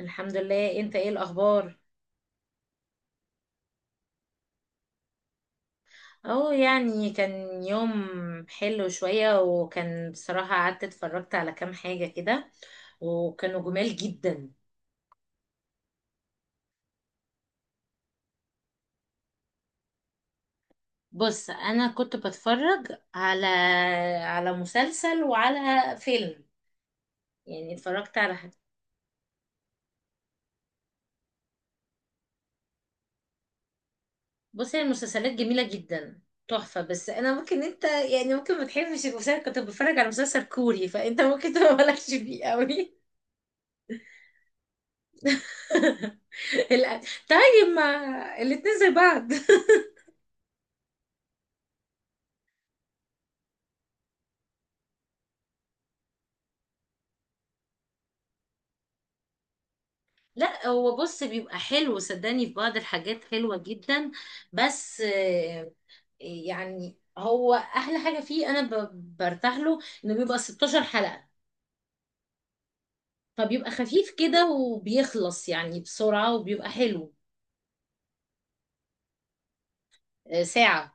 الحمد لله. انت ايه الاخبار؟ اهو يعني كان يوم حلو شوية، وكان بصراحة قعدت اتفرجت على كام حاجة كده وكانوا جمال جدا. بص انا كنت بتفرج على مسلسل وعلى فيلم، يعني اتفرجت على حاجة. بص هي المسلسلات جميلة جدا، تحفة، بس انا ممكن انت يعني ممكن ما تحبش المسلسل. كنت بتفرج على مسلسل كوري فانت ممكن تبقى مالكش فيه قوي. لا، طيب ما الاتنين زي بعض. لا هو بص بيبقى حلو، صدقني في بعض الحاجات حلوة جدا، بس يعني هو أحلى حاجة فيه أنا برتاح له، إنه بيبقى 16 حلقة، فبيبقى خفيف كده وبيخلص يعني بسرعة وبيبقى حلو. ساعة.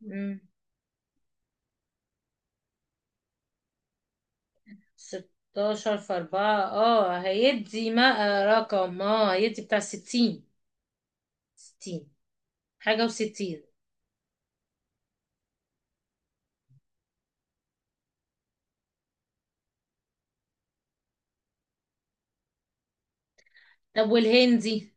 مم. 16 في 4. اه هيدي ما رقم. اه هيدي بتاع 60. 60 حاجة و60. طب والهندي؟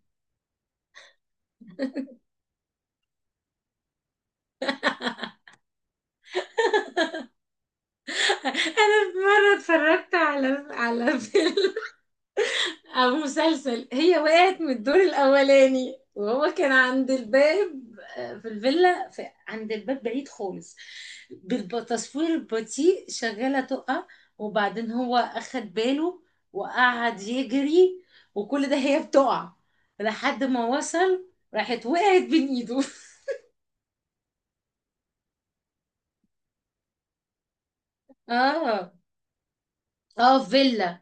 انا في مره اتفرجت على فيلم او مسلسل، هي وقعت من الدور الاولاني وهو كان عند الباب. في الفيلا، في عند الباب بعيد خالص. بالتصوير البطيء شغاله تقع، وبعدين هو اخد باله وقعد يجري، وكل ده هي بتقع لحد ما وصل، راحت وقعت بين ايده. اه، اه فيلا.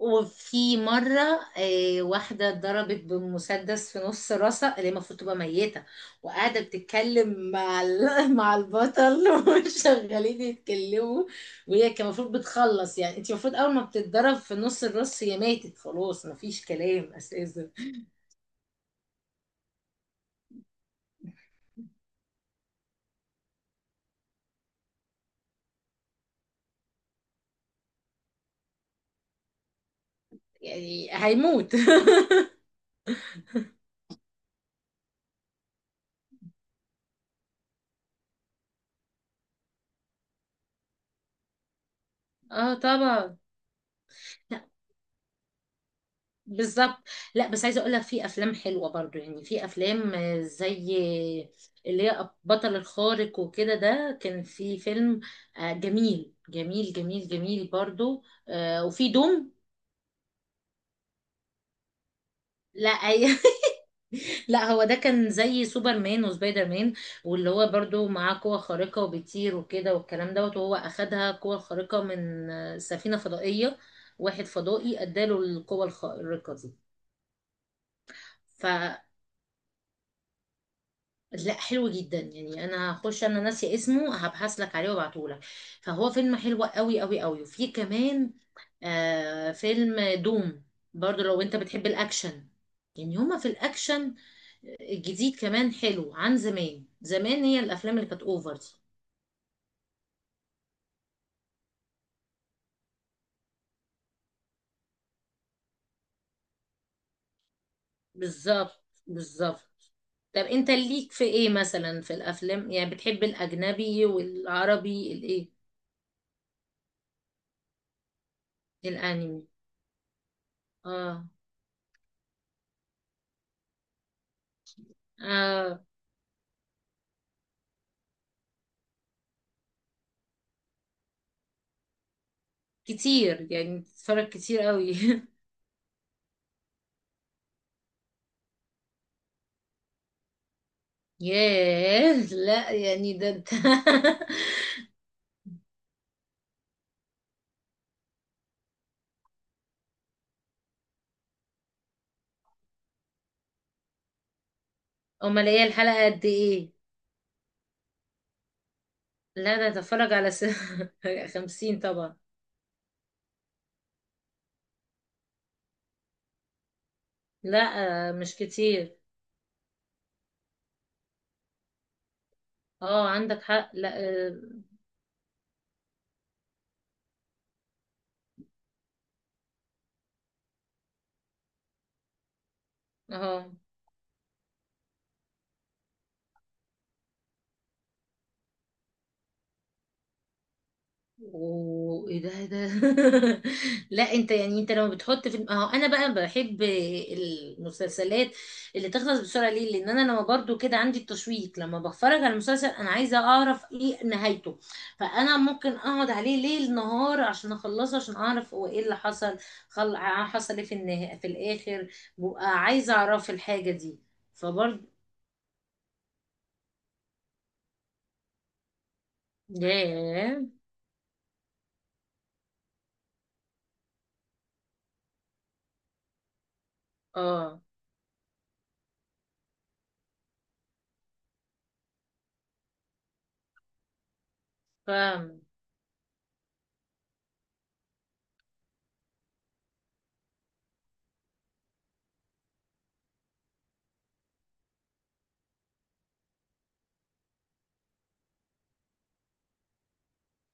وفي مرة واحدة اتضربت بمسدس في نص راسها، اللي هي المفروض تبقى ميتة، وقاعدة بتتكلم مع مع البطل وشغالين يتكلموا. وهي كان المفروض بتخلص، يعني انت المفروض اول ما بتتضرب في نص الراس هي ماتت خلاص، مفيش كلام اساسا. يعني هيموت. اه طبعا، بالظبط. لا بس عايزه اقول لك في افلام حلوه برضو، يعني في افلام زي اللي هي بطل الخارق وكده، ده كان في فيلم جميل جميل جميل جميل برضو. وفي دوم. لا أي... لا هو ده كان زي سوبرمان وسبايدر مان، واللي هو برضو معاه قوة خارقة وبيطير وكده والكلام دوت، وهو أخدها قوة خارقة من سفينة فضائية، واحد فضائي اداله القوة الخارقة دي. لا حلو جدا يعني. انا هخش، انا ناسي اسمه، هبحث لك عليه وابعتهولك. فهو فيلم حلو قوي قوي قوي. وفي كمان آه فيلم دوم، برضو لو انت بتحب الاكشن. يعني هما في الاكشن الجديد كمان حلو عن زمان. زمان هي الافلام اللي كانت اوفر دي. بالظبط بالظبط. طب انت ليك في ايه مثلا في الافلام؟ يعني بتحب الاجنبي والعربي الايه؟ الانمي؟ اه. اه كتير، يعني بتتفرج كتير قوي. ياه، لا يعني ده انت. امال هي الحلقة قد ايه؟ لا ده اتفرج على س... خمسين طبعا. لا مش كتير. اه عندك حق، لا اه. آه. اوه ايه ده، إيه ده؟ لا انت يعني انت لما بتحط في اهو، انا بقى بحب المسلسلات اللي تخلص بسرعه. ليه؟ لان انا لما برضو كده عندي التشويق، لما بتفرج على مسلسل انا عايزه اعرف ايه نهايته، فانا ممكن اقعد عليه ليل نهار عشان اخلصه، عشان اعرف هو ايه اللي حصل. حصل ايه في النهايه في الاخر. ببقى عايزه اعرف الحاجه دي. فبرضو ياه، اه فاهمة.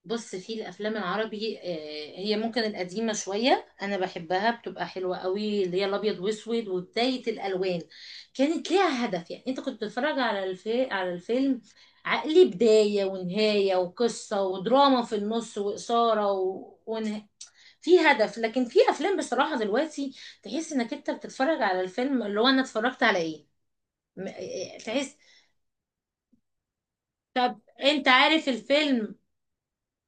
بص في الافلام العربي، هي ممكن القديمه شويه انا بحبها، بتبقى حلوه قوي، اللي هي الابيض واسود وبدايه الالوان. كانت ليها هدف، يعني انت كنت بتتفرج على على الفيلم عقلي، بدايه ونهايه وقصه ودراما في النص واثاره و... ونه... في هدف. لكن في افلام بصراحه دلوقتي تحس انك انت بتتفرج على الفيلم، اللي هو انا اتفرجت على ايه؟ تحس. انت عارف الفيلم؟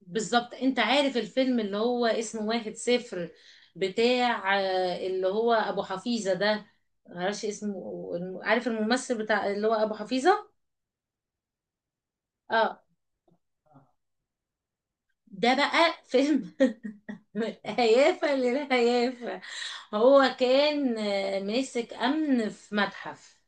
بالظبط، انت عارف الفيلم اللي هو اسمه واحد صفر، بتاع اللي هو ابو حفيظة ده، معرفش اسمه، عارف الممثل بتاع اللي هو ابو حفيظة؟ اه. ده بقى فيلم هيافة للهيافة. هو كان ماسك امن في متحف،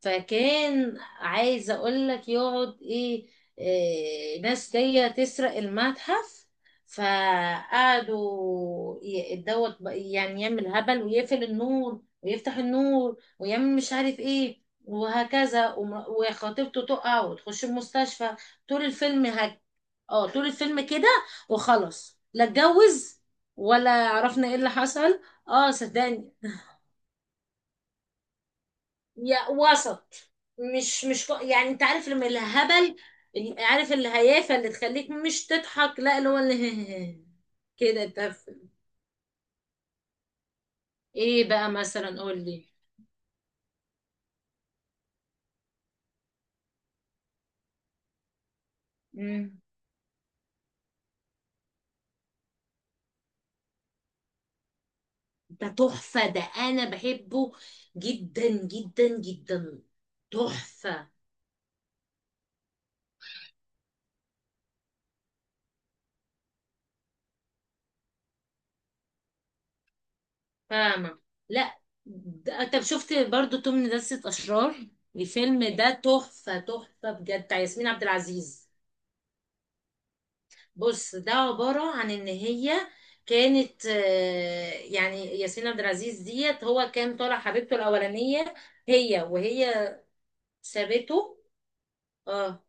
فكان عايز اقول لك يقعد ايه، إيه ناس جايه تسرق المتحف. فقعدوا يعني يعمل هبل ويقفل النور ويفتح النور ويعمل مش عارف ايه وهكذا، وخطيبته تقع وتخش المستشفى. طول الفيلم هك. اه طول الفيلم كده، وخلاص لا اتجوز ولا عرفنا ايه اللي حصل. اه صدقني، يا وسط. مش يعني انت عارف لما الهبل، عارف الهيافه اللي تخليك مش تضحك، لا اللي هو اللي كده تف. ايه بقى مثلا، قول لي. مم. ده تحفه، ده انا بحبه جدا جدا جدا. تحفه، فاهمه. لا ده طب شفت برضو توم لدسة اشرار؟ الفيلم ده تحفه تحفه بجد، بتاع ياسمين عبد العزيز. بص ده عبارة عن ان هي كانت يعني ياسمين عبد العزيز ديت، هو كان طالع حبيبته الاولانية هي، وهي سابته. اه،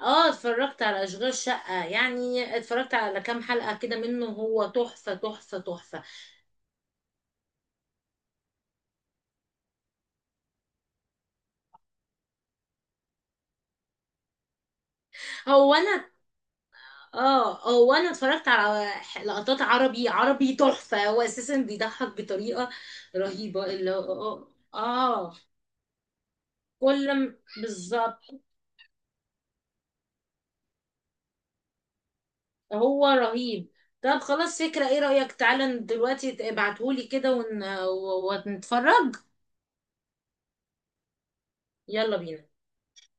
اه اتفرجت على اشغال شقة، يعني اتفرجت على كام حلقة كده منه، هو تحفة تحفة تحفة. هو انا اه هو انا اتفرجت على لقطات عربي عربي تحفة. هو اساسا بيضحك بطريقة رهيبة، اللي هو- اه كل ما- بالظبط. هو رهيب. طب خلاص فكرة، ايه رأيك تعالى دلوقتي ابعتهولي كده ون... ونتفرج. يلا بينا.